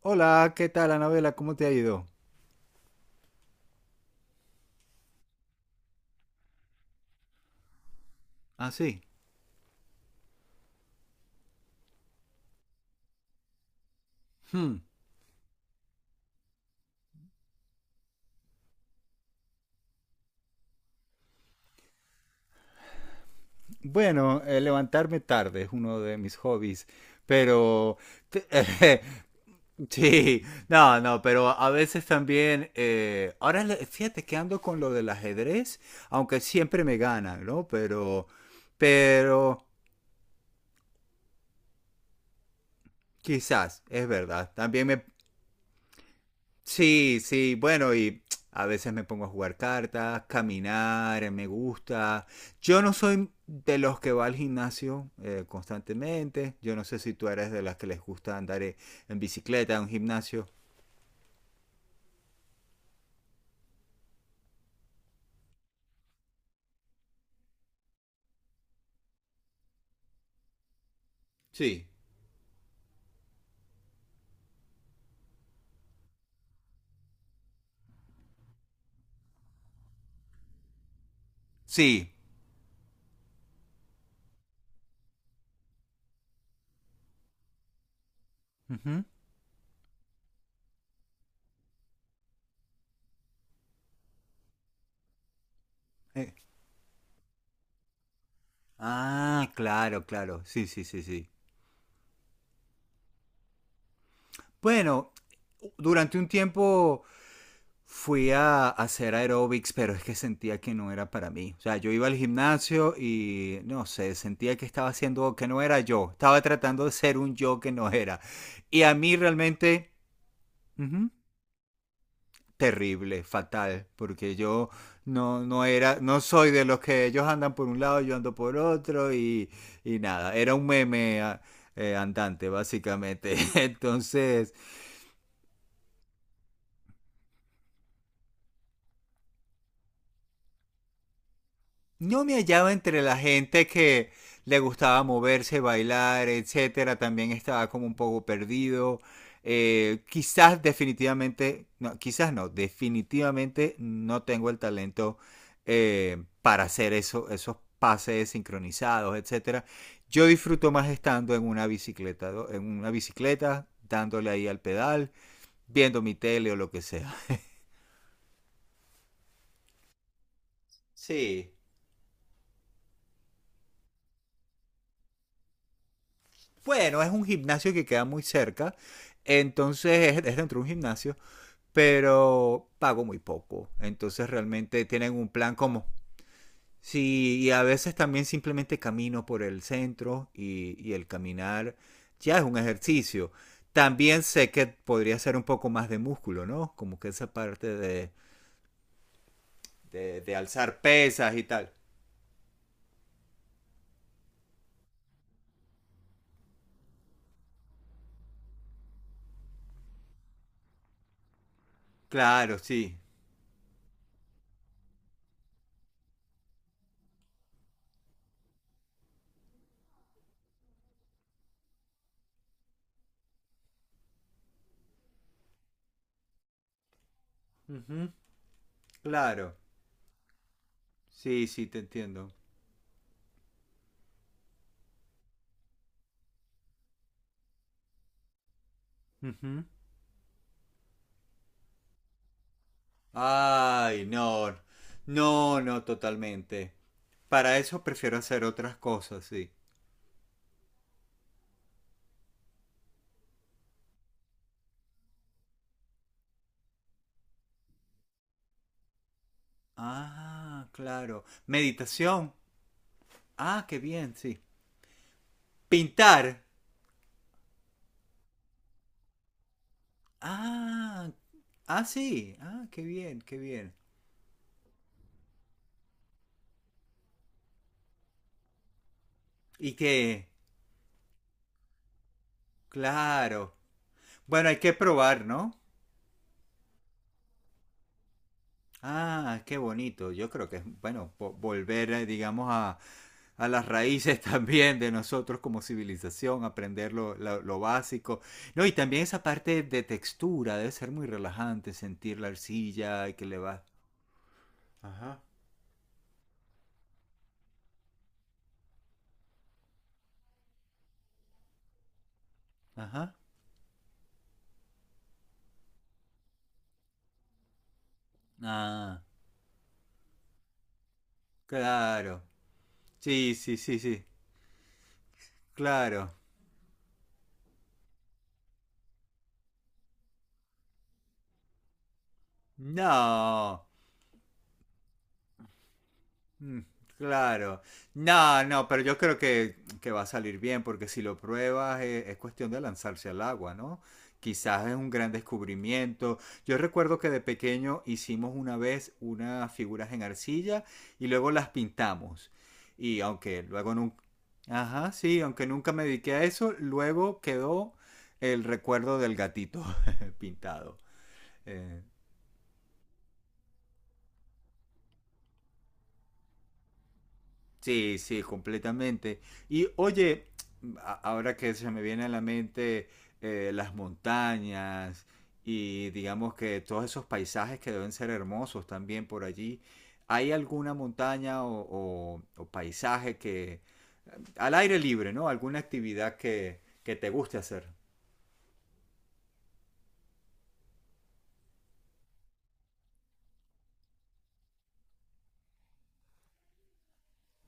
Hola, ¿qué tal, Anabela? ¿Cómo te ha ido? Ah, sí. Hmm. Bueno, levantarme tarde es uno de mis hobbies, pero... te- sí, no, no, pero a veces también... ahora, fíjate que ando con lo del ajedrez, aunque siempre me ganan, ¿no? Pero... Quizás, es verdad. También me, sí, sí, bueno, y a veces me pongo a jugar cartas, caminar, me gusta. Yo no soy de los que va al gimnasio constantemente. Yo no sé si tú eres de las que les gusta andar en bicicleta, en un gimnasio. Sí. Sí. Ujú. Eh, Ah, claro, claro. Sí, sí, sí, sí. Bueno, durante un tiempo fui a hacer aeróbics, pero es que sentía que no era para mí. O sea, yo iba al gimnasio y no sé, sentía que estaba haciendo que no era yo. Estaba tratando de ser un yo que no era. Y a mí realmente, ujú, terrible, fatal, porque yo no era, no soy de los que ellos andan por un lado, yo ando por otro y nada. Era un meme andante, básicamente. Entonces, no me hallaba entre la gente que le gustaba moverse, bailar, etcétera. También estaba como un poco perdido. Quizás definitivamente, no, quizás no, definitivamente no tengo el talento para hacer esos pases sincronizados, etcétera. Yo disfruto más estando en una bicicleta, ¿no? En una bicicleta, dándole ahí al pedal, viendo mi tele o lo que sea. Sí, bueno, es un gimnasio que queda muy cerca. Entonces es dentro de un gimnasio, pero pago muy poco. Entonces realmente tienen un plan como... Sí, y a veces también simplemente camino por el centro y el caminar ya es un ejercicio. También sé que podría ser un poco más de músculo, ¿no? Como que esa parte de, de alzar pesas y tal. Claro, sí. Ujú, claro. Sí, sí, te entiendo. Ujú. Ay, no. No, no, totalmente. Para eso prefiero hacer otras cosas, sí. Ah, claro. Meditación. Ah, qué bien, sí. Pintar. Ah, ah, sí. Ah, qué bien, qué bien. Y que, claro. Bueno, hay que probar, ¿no? Ah, qué bonito. Yo creo que es, bueno, volver, digamos, a las raíces también de nosotros como civilización, aprender lo, lo básico. No, y también esa parte de textura, debe ser muy relajante sentir la arcilla y que le va. Ajá. Ajá. Ah, claro. Sí, sí, sí, sí. Claro. No. Mm, claro. No, no, pero yo creo que va a salir bien, porque si lo pruebas es, cuestión de lanzarse al agua, ¿no? Quizás es un gran descubrimiento. Yo recuerdo que de pequeño hicimos una vez unas figuras en arcilla y luego las pintamos. Y aunque luego nunca... Ajá, sí, aunque nunca me dediqué a eso, luego quedó el recuerdo del gatito pintado. eh, Sí, sí, completamente. Y oye, ahora que se me viene a la mente las montañas y digamos que todos esos paisajes que deben ser hermosos también por allí, ¿hay alguna montaña o, o paisaje que al aire libre, ¿no? ¿Alguna actividad que te guste hacer?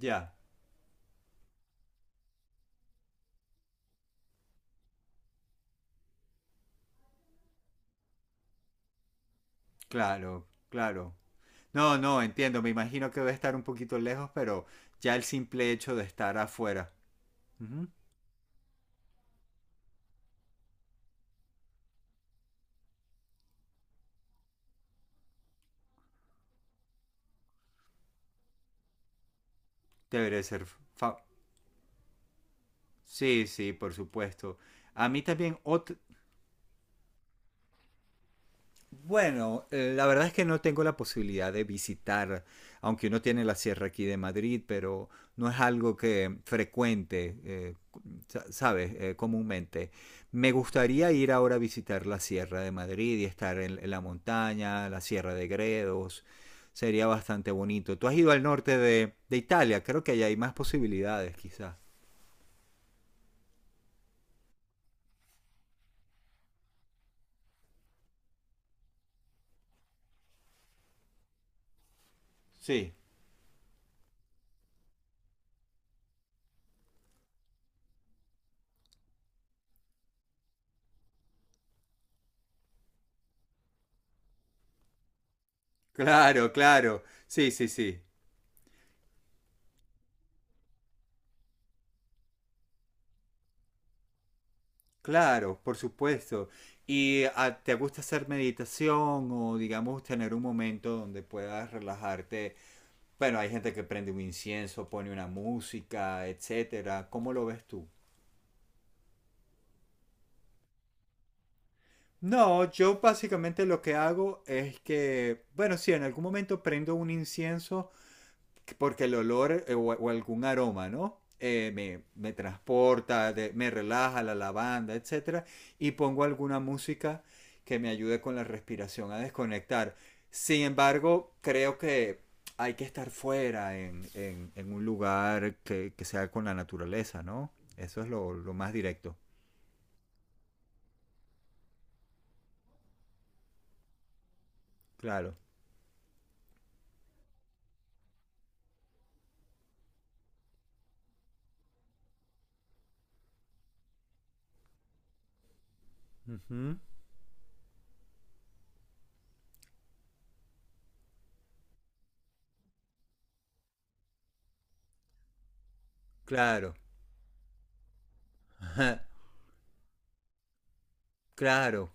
Ya, claro, claro. No, no, entiendo, me imagino que debe estar un poquito lejos, pero ya el simple hecho de estar afuera. Ujú, debería ser fa- sí, sí, por supuesto. A mí también, bueno, la verdad es que no tengo la posibilidad de visitar, aunque uno tiene la sierra aquí de Madrid, pero no es algo que frecuente, ¿sabes? Comúnmente. Me gustaría ir ahora a visitar la sierra de Madrid y estar en la montaña, la sierra de Gredos. Sería bastante bonito. Tú has ido al norte de Italia, creo que allá hay más posibilidades, quizás. Sí, claro, claro. Sí, sí, sí. Claro, por supuesto. ¿Y te gusta hacer meditación o digamos tener un momento donde puedas relajarte? Bueno, hay gente que prende un incienso, pone una música, etcétera. ¿Cómo lo ves tú? No, yo básicamente lo que hago es que, bueno, sí, en algún momento prendo un incienso porque el olor o algún aroma, ¿no? Me, me transporta, me relaja la lavanda, etcétera, y pongo alguna música que me ayude con la respiración a desconectar. Sin embargo, creo que hay que estar fuera en, en un lugar que sea con la naturaleza, ¿no? Eso es lo más directo. Claro. Ujú. Claro. Claro.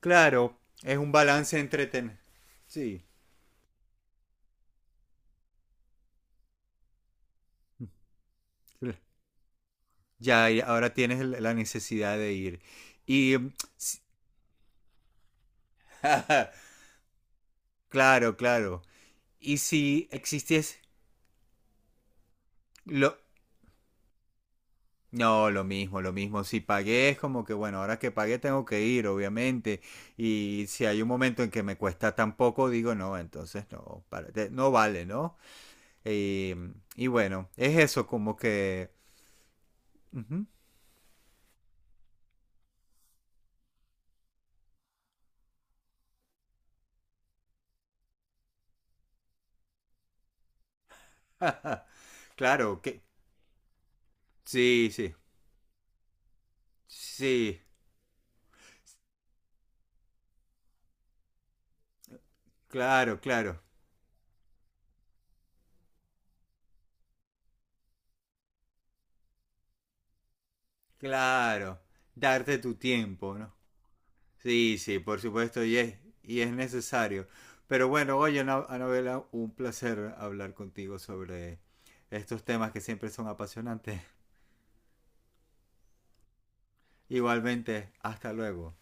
Claro. Es un balance entre... sí. Ya, y ahora tienes la necesidad de ir. Y claro, claro. Y si existiese lo no, lo mismo, lo mismo. Si pagué es como que bueno, ahora que pagué tengo que ir, obviamente. Y si hay un momento en que me cuesta tan poco, digo no, entonces no, no vale, ¿no? Eh, y bueno, es eso como que ujú. Claro, que sí, sí. Sí, claro, claro. Claro, darte tu tiempo, ¿no? Sí, sí, por supuesto, y es necesario. Pero bueno, oye, Anabela, un placer hablar contigo sobre estos temas que siempre son apasionantes. Igualmente, hasta luego.